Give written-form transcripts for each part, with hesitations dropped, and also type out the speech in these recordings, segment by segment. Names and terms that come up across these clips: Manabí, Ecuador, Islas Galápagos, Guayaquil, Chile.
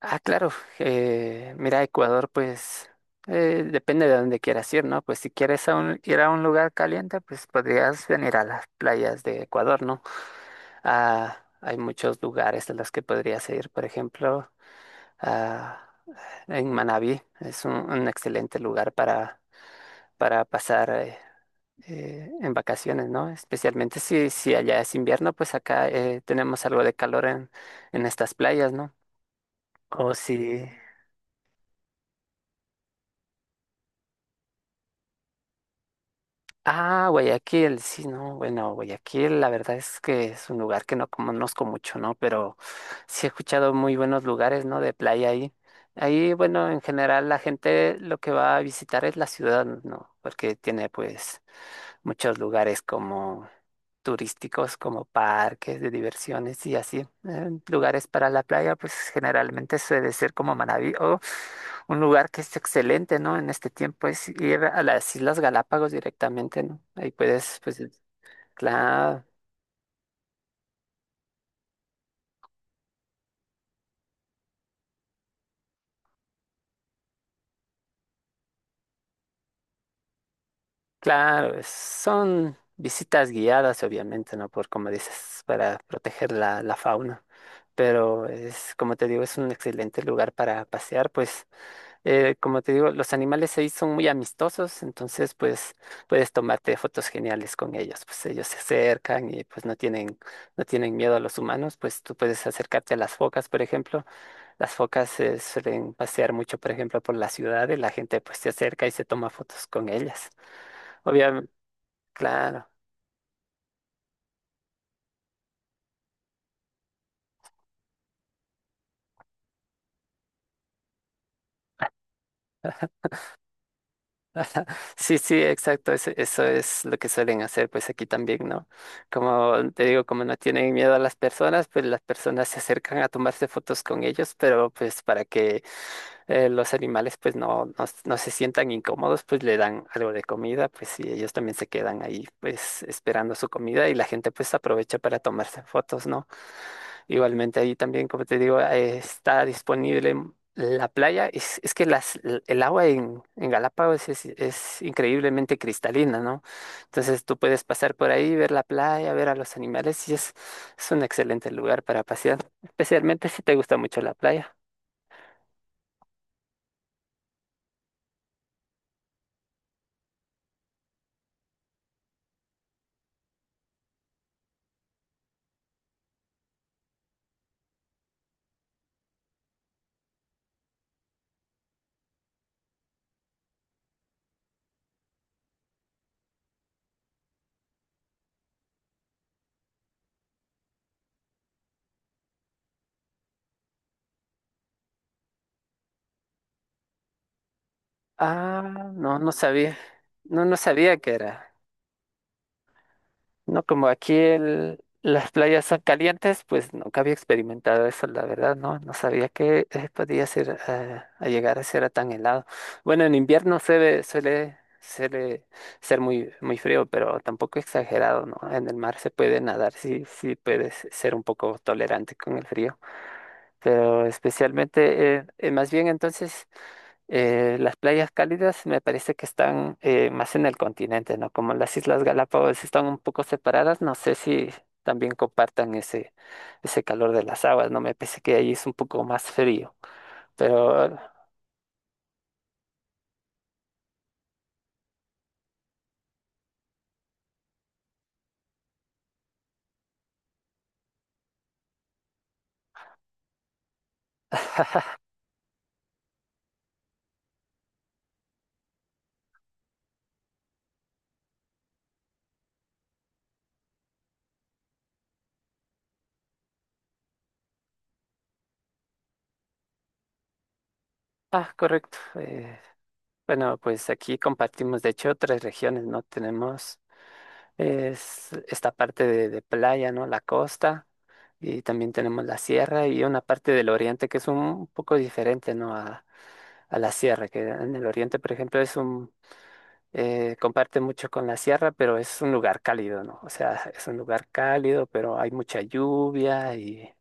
Ah, claro. Mira, Ecuador, pues depende de dónde quieras ir, ¿no? Pues si quieres ir a un lugar caliente, pues podrías venir a las playas de Ecuador, ¿no? Ah, hay muchos lugares a los que podrías ir, por ejemplo, ah, en Manabí. Es un excelente lugar para pasar en vacaciones, ¿no? Especialmente si allá es invierno, pues acá tenemos algo de calor en estas playas, ¿no? O si... Ah, Guayaquil, sí, no, bueno, Guayaquil, la verdad es que es un lugar que no conozco mucho, ¿no? Pero sí he escuchado muy buenos lugares, ¿no? De playa ahí. Ahí, bueno, en general la gente lo que va a visitar es la ciudad, ¿no? Porque tiene pues muchos lugares como turísticos, como parques de diversiones y así. Lugares para la playa, pues generalmente suele ser como Manabí o un lugar que es excelente, ¿no? En este tiempo es ir a las Islas Galápagos directamente, ¿no? Ahí puedes, pues, claro, claro, son visitas guiadas, obviamente, ¿no? Por, como dices, para proteger la fauna. Pero es, como te digo, es un excelente lugar para pasear, pues. Como te digo, los animales ahí son muy amistosos, entonces pues puedes tomarte fotos geniales con ellos, pues ellos se acercan y pues no tienen, no tienen miedo a los humanos, pues tú puedes acercarte a las focas, por ejemplo, las focas se suelen pasear mucho, por ejemplo, por la ciudad y la gente pues se acerca y se toma fotos con ellas. Obviamente, claro. Ajá. Sí, sí, exacto, eso es lo que suelen hacer, pues aquí también, ¿no? Como te digo, como no tienen miedo a las personas, pues las personas se acercan a tomarse fotos con ellos, pero pues para que los animales pues no, no, no se sientan incómodos, pues le dan algo de comida, pues y ellos también se quedan ahí pues esperando su comida y la gente pues aprovecha para tomarse fotos, ¿no? Igualmente ahí también, como te digo, está disponible la playa. Es que el agua en Galápagos es increíblemente cristalina, ¿no? Entonces tú puedes pasar por ahí, ver la playa, ver a los animales y es un excelente lugar para pasear, especialmente si te gusta mucho la playa. Ah, no, no sabía. No, no sabía que era. No, como aquí las playas son calientes, pues nunca había experimentado eso, la verdad, ¿no? No sabía que podía ser, a llegar a ser tan helado. Bueno, en invierno suele, suele ser muy, muy frío, pero tampoco exagerado, ¿no? En el mar se puede nadar, sí, sí puedes ser un poco tolerante con el frío, pero especialmente, más bien entonces... las playas cálidas me parece que están más en el continente, ¿no? Como las Islas Galápagos están un poco separadas, no sé si también compartan ese, ese calor de las aguas, ¿no? Me parece que ahí es un poco más frío, pero... Ah, correcto. Bueno, pues aquí compartimos, de hecho, tres regiones, ¿no? Tenemos esta parte de playa, ¿no? La costa, y también tenemos la sierra y una parte del oriente que es un poco diferente, ¿no? A la sierra, que en el oriente, por ejemplo, comparte mucho con la sierra, pero es un lugar cálido, ¿no? O sea, es un lugar cálido, pero hay mucha lluvia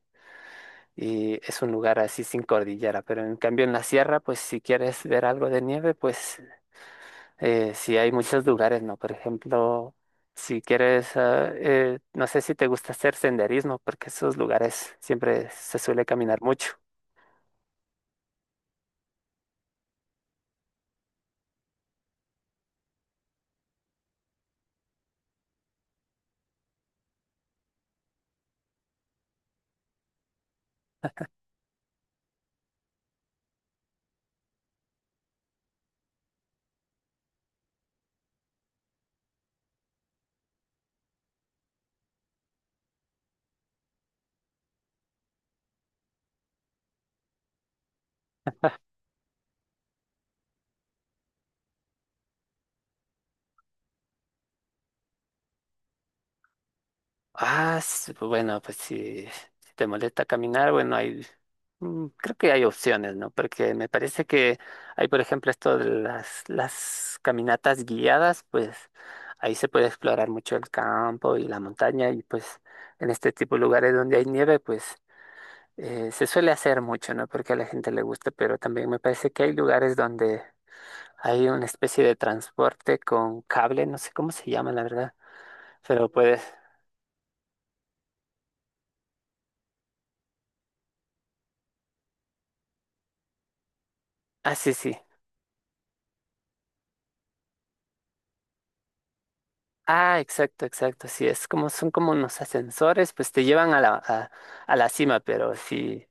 y es un lugar así sin cordillera. Pero en cambio en la sierra, pues si quieres ver algo de nieve, pues sí hay muchos lugares, ¿no? Por ejemplo, si quieres, no sé si te gusta hacer senderismo, porque esos lugares siempre se suele caminar mucho. Ah, pues bueno, pues si, si te molesta caminar, bueno, hay, mm, creo que hay opciones, ¿no? Porque me parece que hay, por ejemplo, esto de las caminatas guiadas, pues ahí se puede explorar mucho el campo y la montaña y pues en este tipo de lugares donde hay nieve, pues se suele hacer mucho, ¿no? Porque a la gente le gusta, pero también me parece que hay lugares donde hay una especie de transporte con cable, no sé cómo se llama, la verdad, pero puedes... Ah, sí, sí. Ah, exacto, exacto. Sí, es como son como unos ascensores, pues te llevan a la cima, pero sí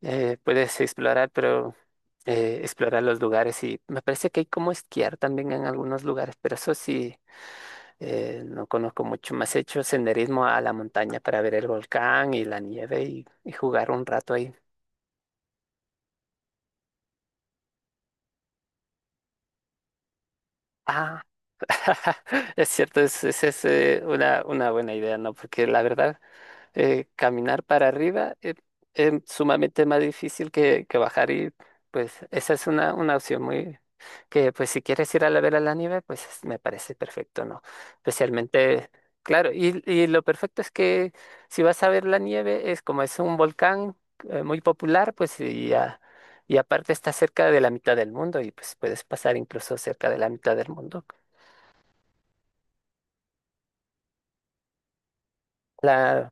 puedes explorar, pero explorar los lugares y me parece que hay como esquiar también en algunos lugares, pero eso sí no conozco mucho. Más he hecho senderismo a la montaña para ver el volcán y la nieve y jugar un rato ahí. Ah, es cierto, una buena idea, ¿no? Porque la verdad caminar para arriba es sumamente más difícil que bajar y pues esa es una opción muy que pues si quieres ir a la ver a la nieve pues me parece perfecto, ¿no? Especialmente, claro, y lo perfecto es que si vas a ver la nieve es como es un volcán muy popular pues y aparte está cerca de la mitad del mundo y pues puedes pasar incluso cerca de la mitad del mundo. La,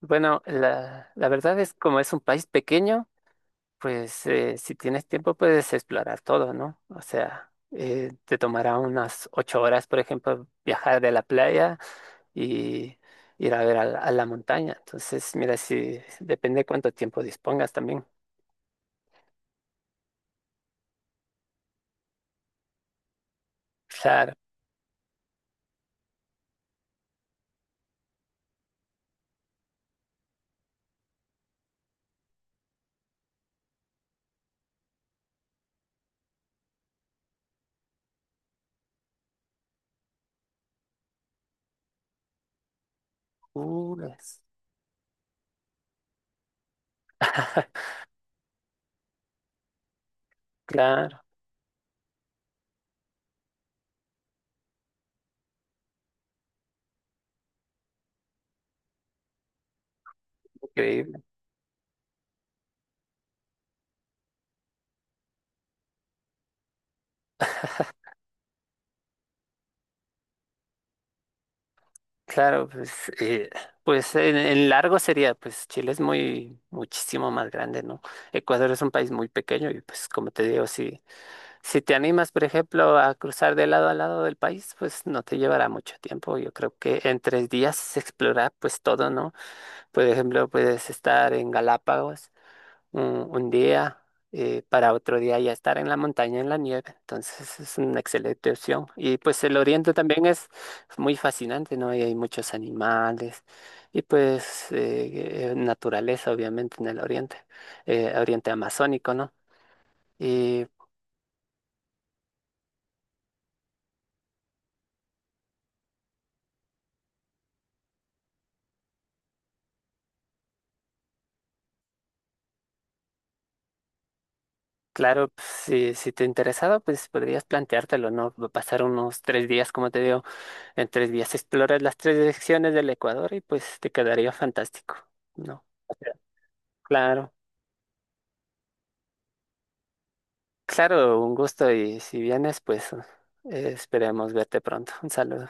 bueno, la verdad es como es un país pequeño. Pues si tienes tiempo puedes explorar todo, ¿no? O sea, te tomará unas 8 horas, por ejemplo, viajar de la playa y ir a ver a a la montaña. Entonces, mira, si depende cuánto tiempo dispongas también. Claro. Uh, es- Claro, increíble. Claro, pues, eh, pues en largo sería, pues Chile es muy, muchísimo más grande, ¿no? Ecuador es un país muy pequeño y pues como te digo, sí. Si te animas, por ejemplo, a cruzar de lado a lado del país, pues no te llevará mucho tiempo. Yo creo que en 3 días se explora pues todo, ¿no? Por ejemplo, puedes estar en Galápagos un, un día, para otro día ya estar en la montaña, en la nieve. Entonces es una excelente opción. Y pues el oriente también es muy fascinante, ¿no? Y hay muchos animales y pues naturaleza, obviamente, en el oriente, oriente amazónico, ¿no? Y claro, pues, si, si te interesaba, pues podrías planteártelo, ¿no? Va a pasar unos 3 días, como te digo, en 3 días exploras las tres direcciones del Ecuador y pues te quedaría fantástico, ¿no? O sea, claro, claro, un gusto y si vienes, pues esperemos verte pronto. Un saludo.